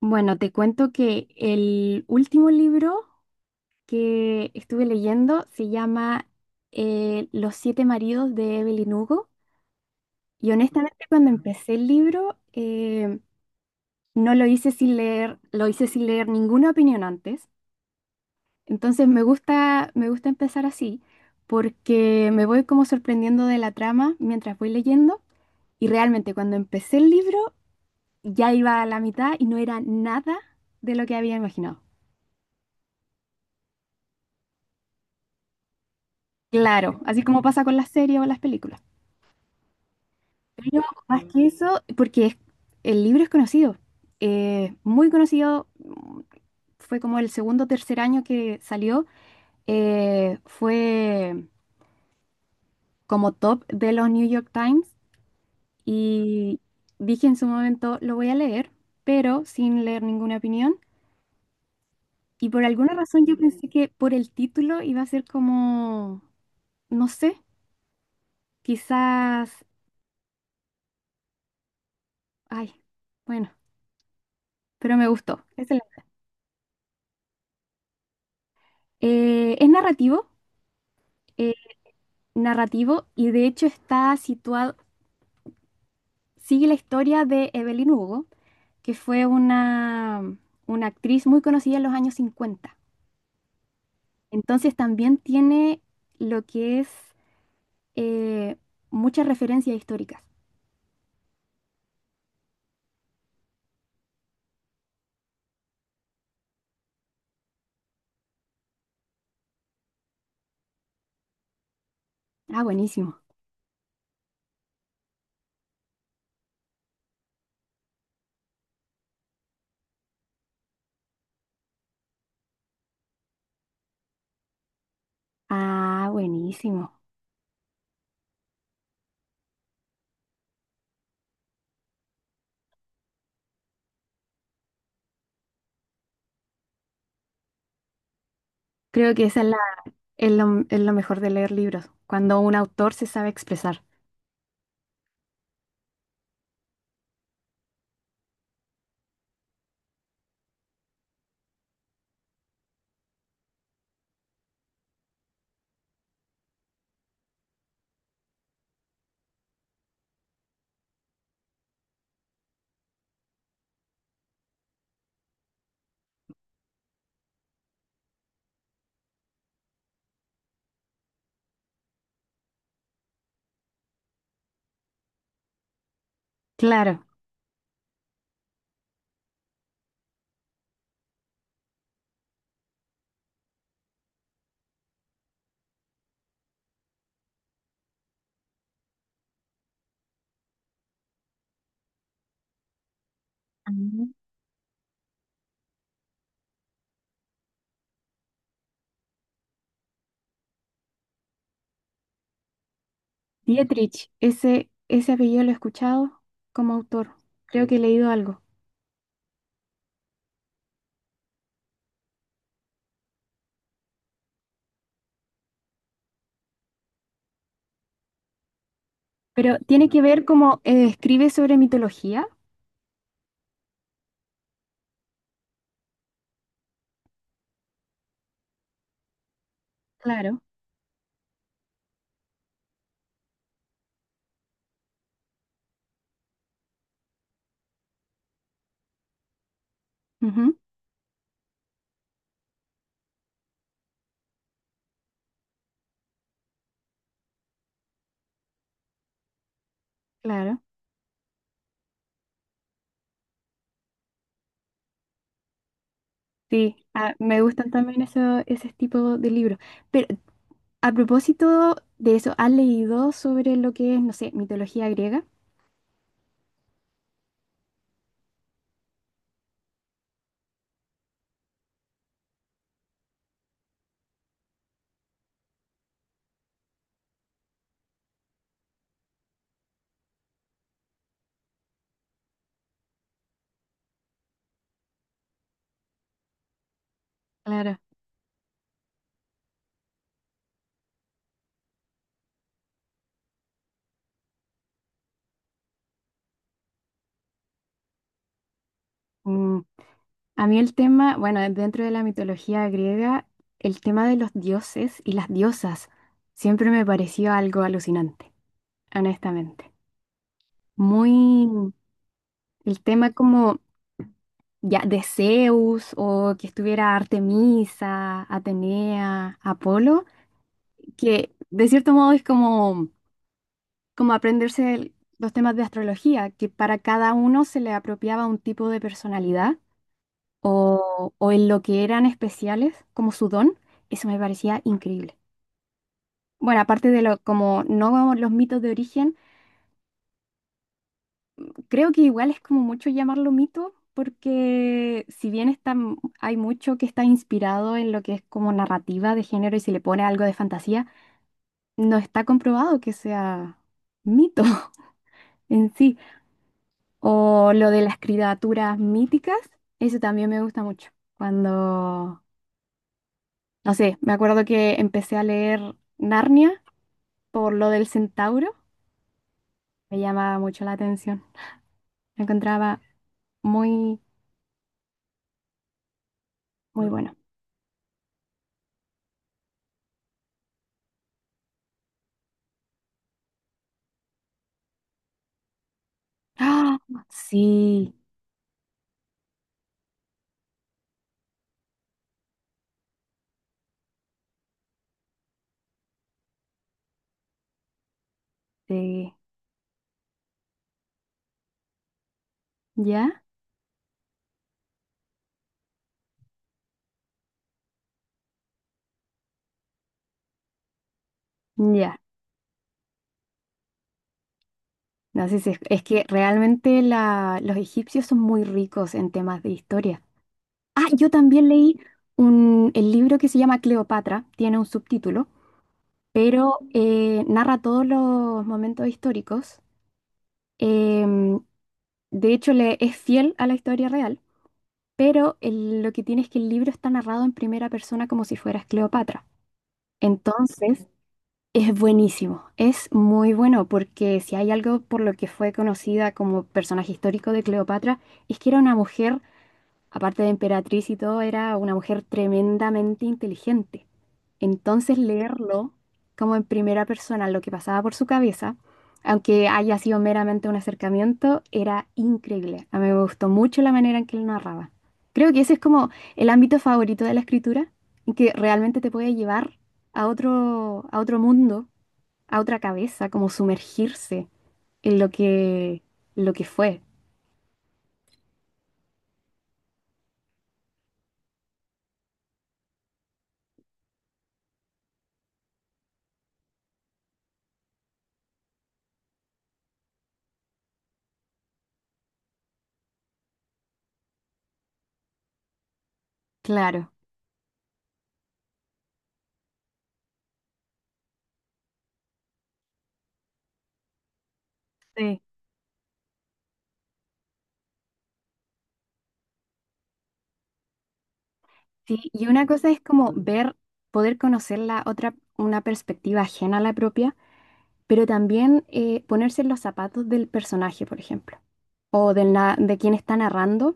Bueno, te cuento que el último libro que estuve leyendo se llama Los siete maridos de Evelyn Hugo. Y honestamente, cuando empecé el libro, no lo hice sin leer, lo hice sin leer ninguna opinión antes. Entonces me gusta empezar así, porque me voy como sorprendiendo de la trama mientras voy leyendo. Y realmente cuando empecé el libro, ya iba a la mitad y no era nada de lo que había imaginado. Claro, así como pasa con las series o las películas. Pero más que eso, porque el libro es conocido, muy conocido, fue como el segundo o tercer año que salió, fue como top de los New York Times y dije en su momento, lo voy a leer, pero sin leer ninguna opinión. Y por alguna razón yo pensé que por el título iba a ser como, no sé, quizás, ay, bueno, pero me gustó. Es narrativo, eh, narrativo y de hecho está situado, sigue la historia de Evelyn Hugo, que fue una actriz muy conocida en los años cincuenta. Entonces también tiene lo que es, eh, muchas referencias históricas. Ah, buenísimo. Ah, buenísimo. Creo que esa es la, es lo mejor de leer libros, cuando un autor se sabe expresar. Claro. Ah. Dietrich, ese apellido lo he escuchado como autor. Creo que he leído algo. Pero tiene que ver como escribe sobre mitología. Claro. Ujú, claro. Sí, ah, me gustan también eso, ese tipo de libros. Pero a propósito de eso, ¿has leído sobre lo que es, no sé, mitología griega? Claro. Mm, A mí el tema, bueno, dentro de la mitología griega, el tema de los dioses y las diosas siempre me pareció algo alucinante, honestamente. Muy, el tema como ya de Zeus o que estuviera Artemisa, Atenea, Apolo, que de cierto modo es como, como aprenderse los temas de astrología, que para cada uno se le apropiaba un tipo de personalidad o en lo que eran especiales, como su don, eso me parecía increíble. Bueno, aparte de lo, como no vamos los mitos de origen, creo que igual es como mucho llamarlo mito, porque si bien está, hay mucho que está inspirado en lo que es como narrativa de género y se le pone algo de fantasía, no está comprobado que sea mito en sí. O lo de las criaturas míticas, eso también me gusta mucho. Cuando, no sé, me acuerdo que empecé a leer Narnia por lo del centauro, me llamaba mucho la atención. Lo encontraba muy, muy bueno. ¡Ah! Sí, sí. ¿Ya? Ya. No sé si es, es que realmente los egipcios son muy ricos en temas de historia. Ah, yo también leí un, el libro que se llama Cleopatra, tiene un subtítulo, pero narra todos los momentos históricos. Em, de hecho, le, es fiel a la historia real, pero lo que tiene es que el libro está narrado en primera persona como si fueras Cleopatra. Entonces, es buenísimo, es muy bueno porque si hay algo por lo que fue conocida como personaje histórico de Cleopatra, es que era una mujer, aparte de emperatriz y todo, era una mujer tremendamente inteligente. Entonces leerlo como en primera persona lo que pasaba por su cabeza, aunque haya sido meramente un acercamiento, era increíble. A mí me gustó mucho la manera en que él narraba. Creo que ese es como el ámbito favorito de la escritura, en que realmente te puede llevar a otro mundo, a otra cabeza, como sumergirse en lo que fue. Claro. Sí, sí, y una cosa es como ver, poder conocer la otra, una perspectiva ajena a la propia, pero también ponerse en los zapatos del personaje, por ejemplo, o de quien está narrando,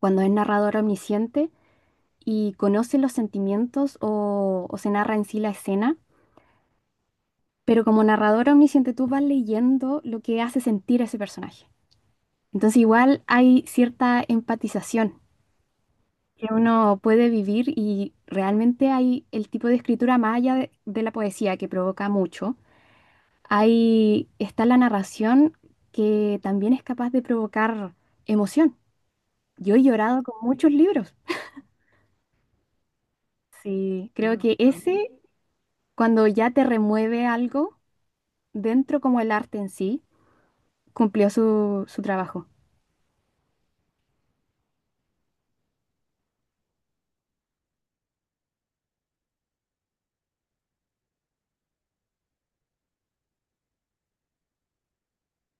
cuando es narrador omnisciente y conoce los sentimientos o se narra en sí la escena, pero como narrador omnisciente tú vas leyendo lo que hace sentir a ese personaje. Entonces igual hay cierta empatización que uno puede vivir y realmente hay el tipo de escritura más allá de la poesía que provoca mucho. Ahí está la narración que también es capaz de provocar emoción. Yo he llorado con muchos libros. Sí, creo que ese, cuando ya te remueve algo dentro como el arte en sí, cumplió su, su trabajo.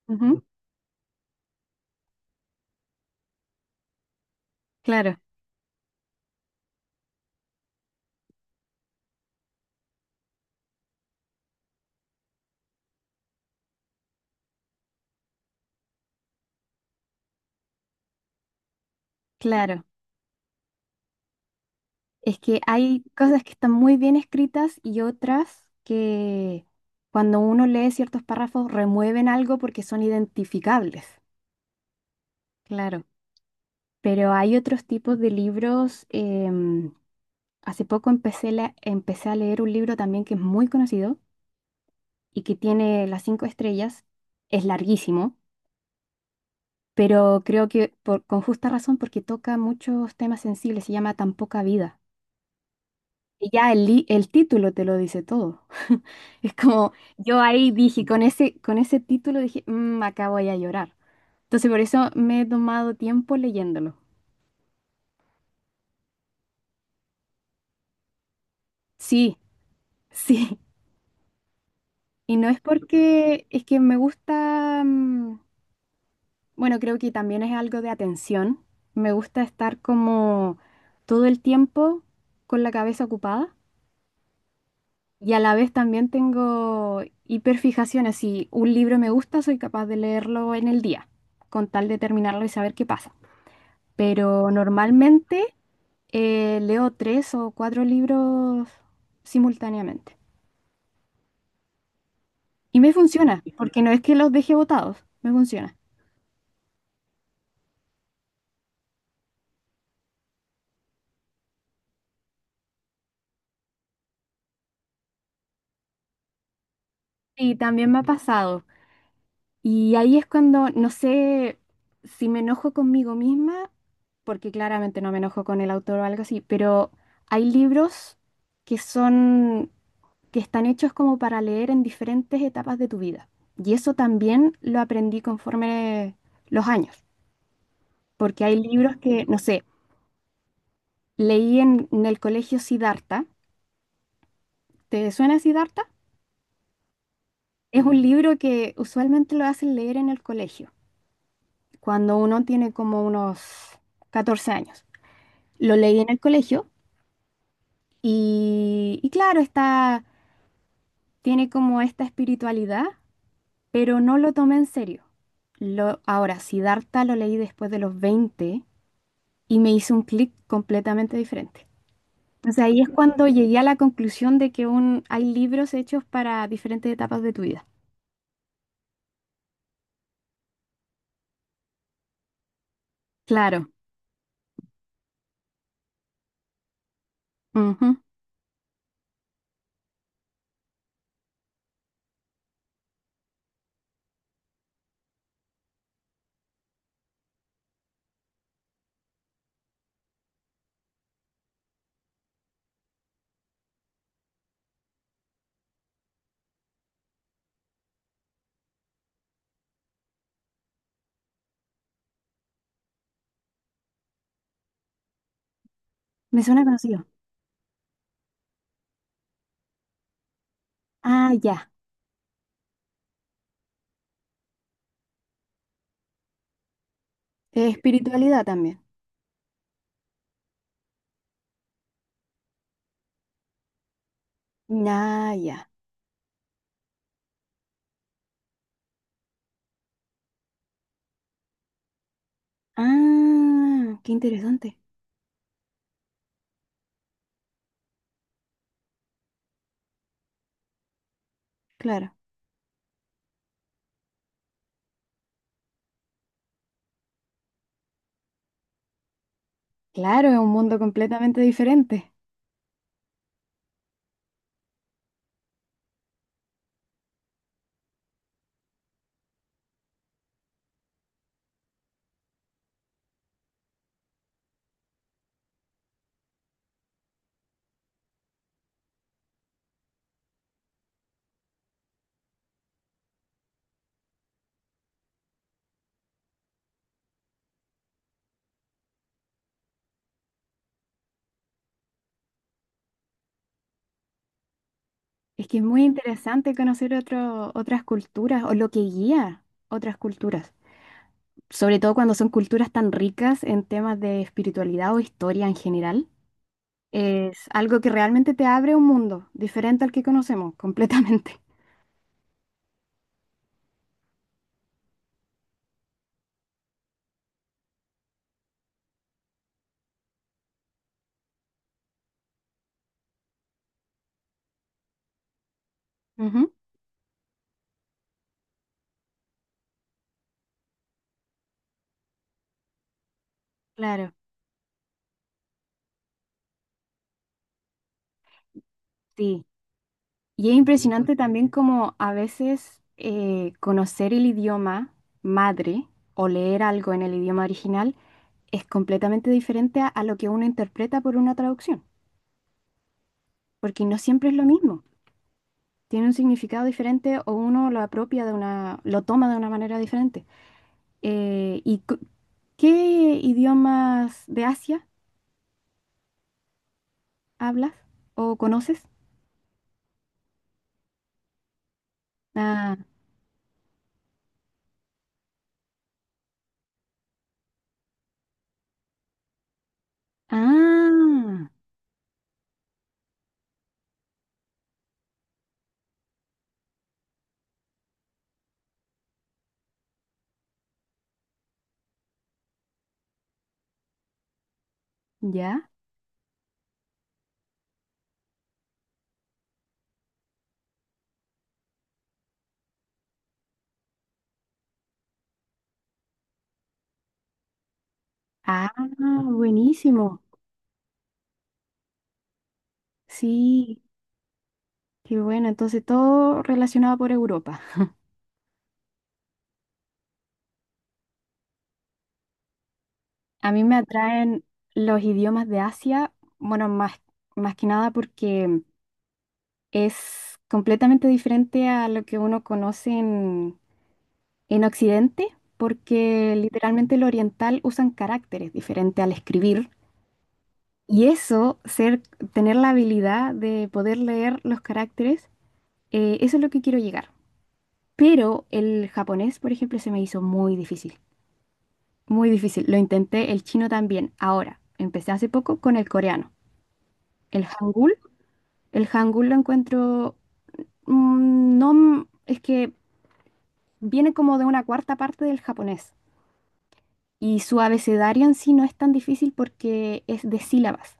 Ujú, claro, claro. Es que hay cosas que están muy bien escritas y otras que cuando uno lee ciertos párrafos remueven algo porque son identificables, claro. Pero hay otros tipos de libros. Hace poco empecé, empecé a leer un libro también que es muy conocido y que tiene las cinco estrellas. Es larguísimo, pero creo que con justa razón porque toca muchos temas sensibles. Se llama Tan poca vida. Y ya el título te lo dice todo. Es como, yo ahí dije, con ese título dije, "Mm, acá voy a llorar". Entonces por eso me he tomado tiempo leyéndolo. Sí, sí. Y no es porque, es que me gusta, bueno, creo que también es algo de atención. Me gusta estar como todo el tiempo con la cabeza ocupada y a la vez también tengo hiperfijaciones. Si un libro me gusta, soy capaz de leerlo en el día, con tal de terminarlo y saber qué pasa. Pero normalmente... leo tres o cuatro libros simultáneamente. Y me funciona, porque no es que los deje botados, me funciona. Y también me ha pasado. Y ahí es cuando, no sé si me enojo conmigo misma, porque claramente no me enojo con el autor o algo así, pero hay libros que son, que están hechos como para leer en diferentes etapas de tu vida. Y eso también lo aprendí conforme los años, porque hay libros que, no sé, leí en el colegio Siddhartha. ¿Te suena Siddhartha? Es un libro que usualmente lo hacen leer en el colegio, cuando uno tiene como unos 14 años. Lo leí en el colegio y claro, está, tiene como esta espiritualidad, pero no lo tomé en serio. Lo, ahora, Siddhartha lo leí después de los 20 y me hizo un clic completamente diferente. Entonces ahí es cuando llegué a la conclusión de que un, hay libros hechos para diferentes etapas de tu vida. Claro. Ujú, me suena conocido. Ah, ya. Espiritualidad también. Ah, ya. Ah, qué interesante. Claro. Claro, es un mundo completamente diferente. Es que es muy interesante conocer otras culturas o lo que guía otras culturas. Sobre todo cuando son culturas tan ricas en temas de espiritualidad o historia en general. Es algo que realmente te abre un mundo diferente al que conocemos completamente. Ujú, claro. Sí. Y es impresionante también como a veces conocer el idioma madre o leer algo en el idioma original es completamente diferente a lo que uno interpreta por una traducción, porque no siempre es lo mismo. Tiene un significado diferente o uno lo apropia de una, lo toma de una manera diferente. ¿Y qué idiomas de Asia hablas o conoces? Ah, ah, ya. Ah, buenísimo. Sí. Qué bueno, entonces todo relacionado por Europa. A mí me atraen los idiomas de Asia, bueno, más, más que nada porque es completamente diferente a lo que uno conoce en Occidente, porque literalmente el oriental usan caracteres diferentes al escribir. Y eso, ser, tener la habilidad de poder leer los caracteres, eso es lo que quiero llegar. Pero el japonés, por ejemplo, se me hizo muy difícil. Muy difícil. Lo intenté el chino también. Ahora, empecé hace poco con el coreano. El hangul. El hangul lo encuentro... mm, no... Es que viene como de una cuarta parte del japonés. Y su abecedario en sí no es tan difícil porque es de sílabas.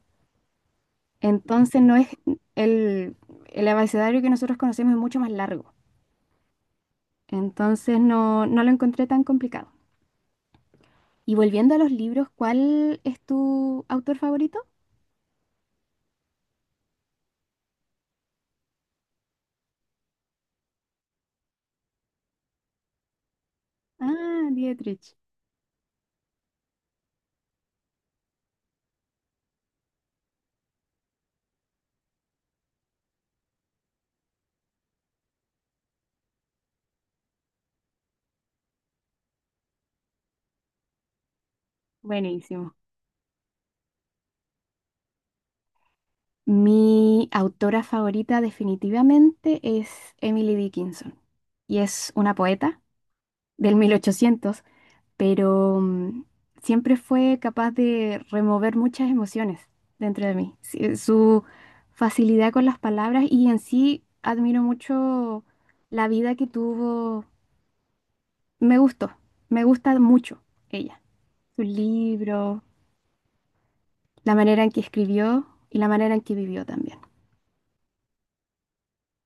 Entonces no es... El, el abecedario que nosotros conocemos es mucho más largo. Entonces no, no lo encontré tan complicado. Y volviendo a los libros, ¿cuál es tu autor favorito? Ah, Dietrich. Buenísimo. Mi autora favorita definitivamente es Emily Dickinson y es una poeta del 1800, pero siempre fue capaz de remover muchas emociones dentro de mí. Sí, su facilidad con las palabras y en sí admiro mucho la vida que tuvo. Me gustó, me gusta mucho ella, su libro, la manera en que escribió y la manera en que vivió también.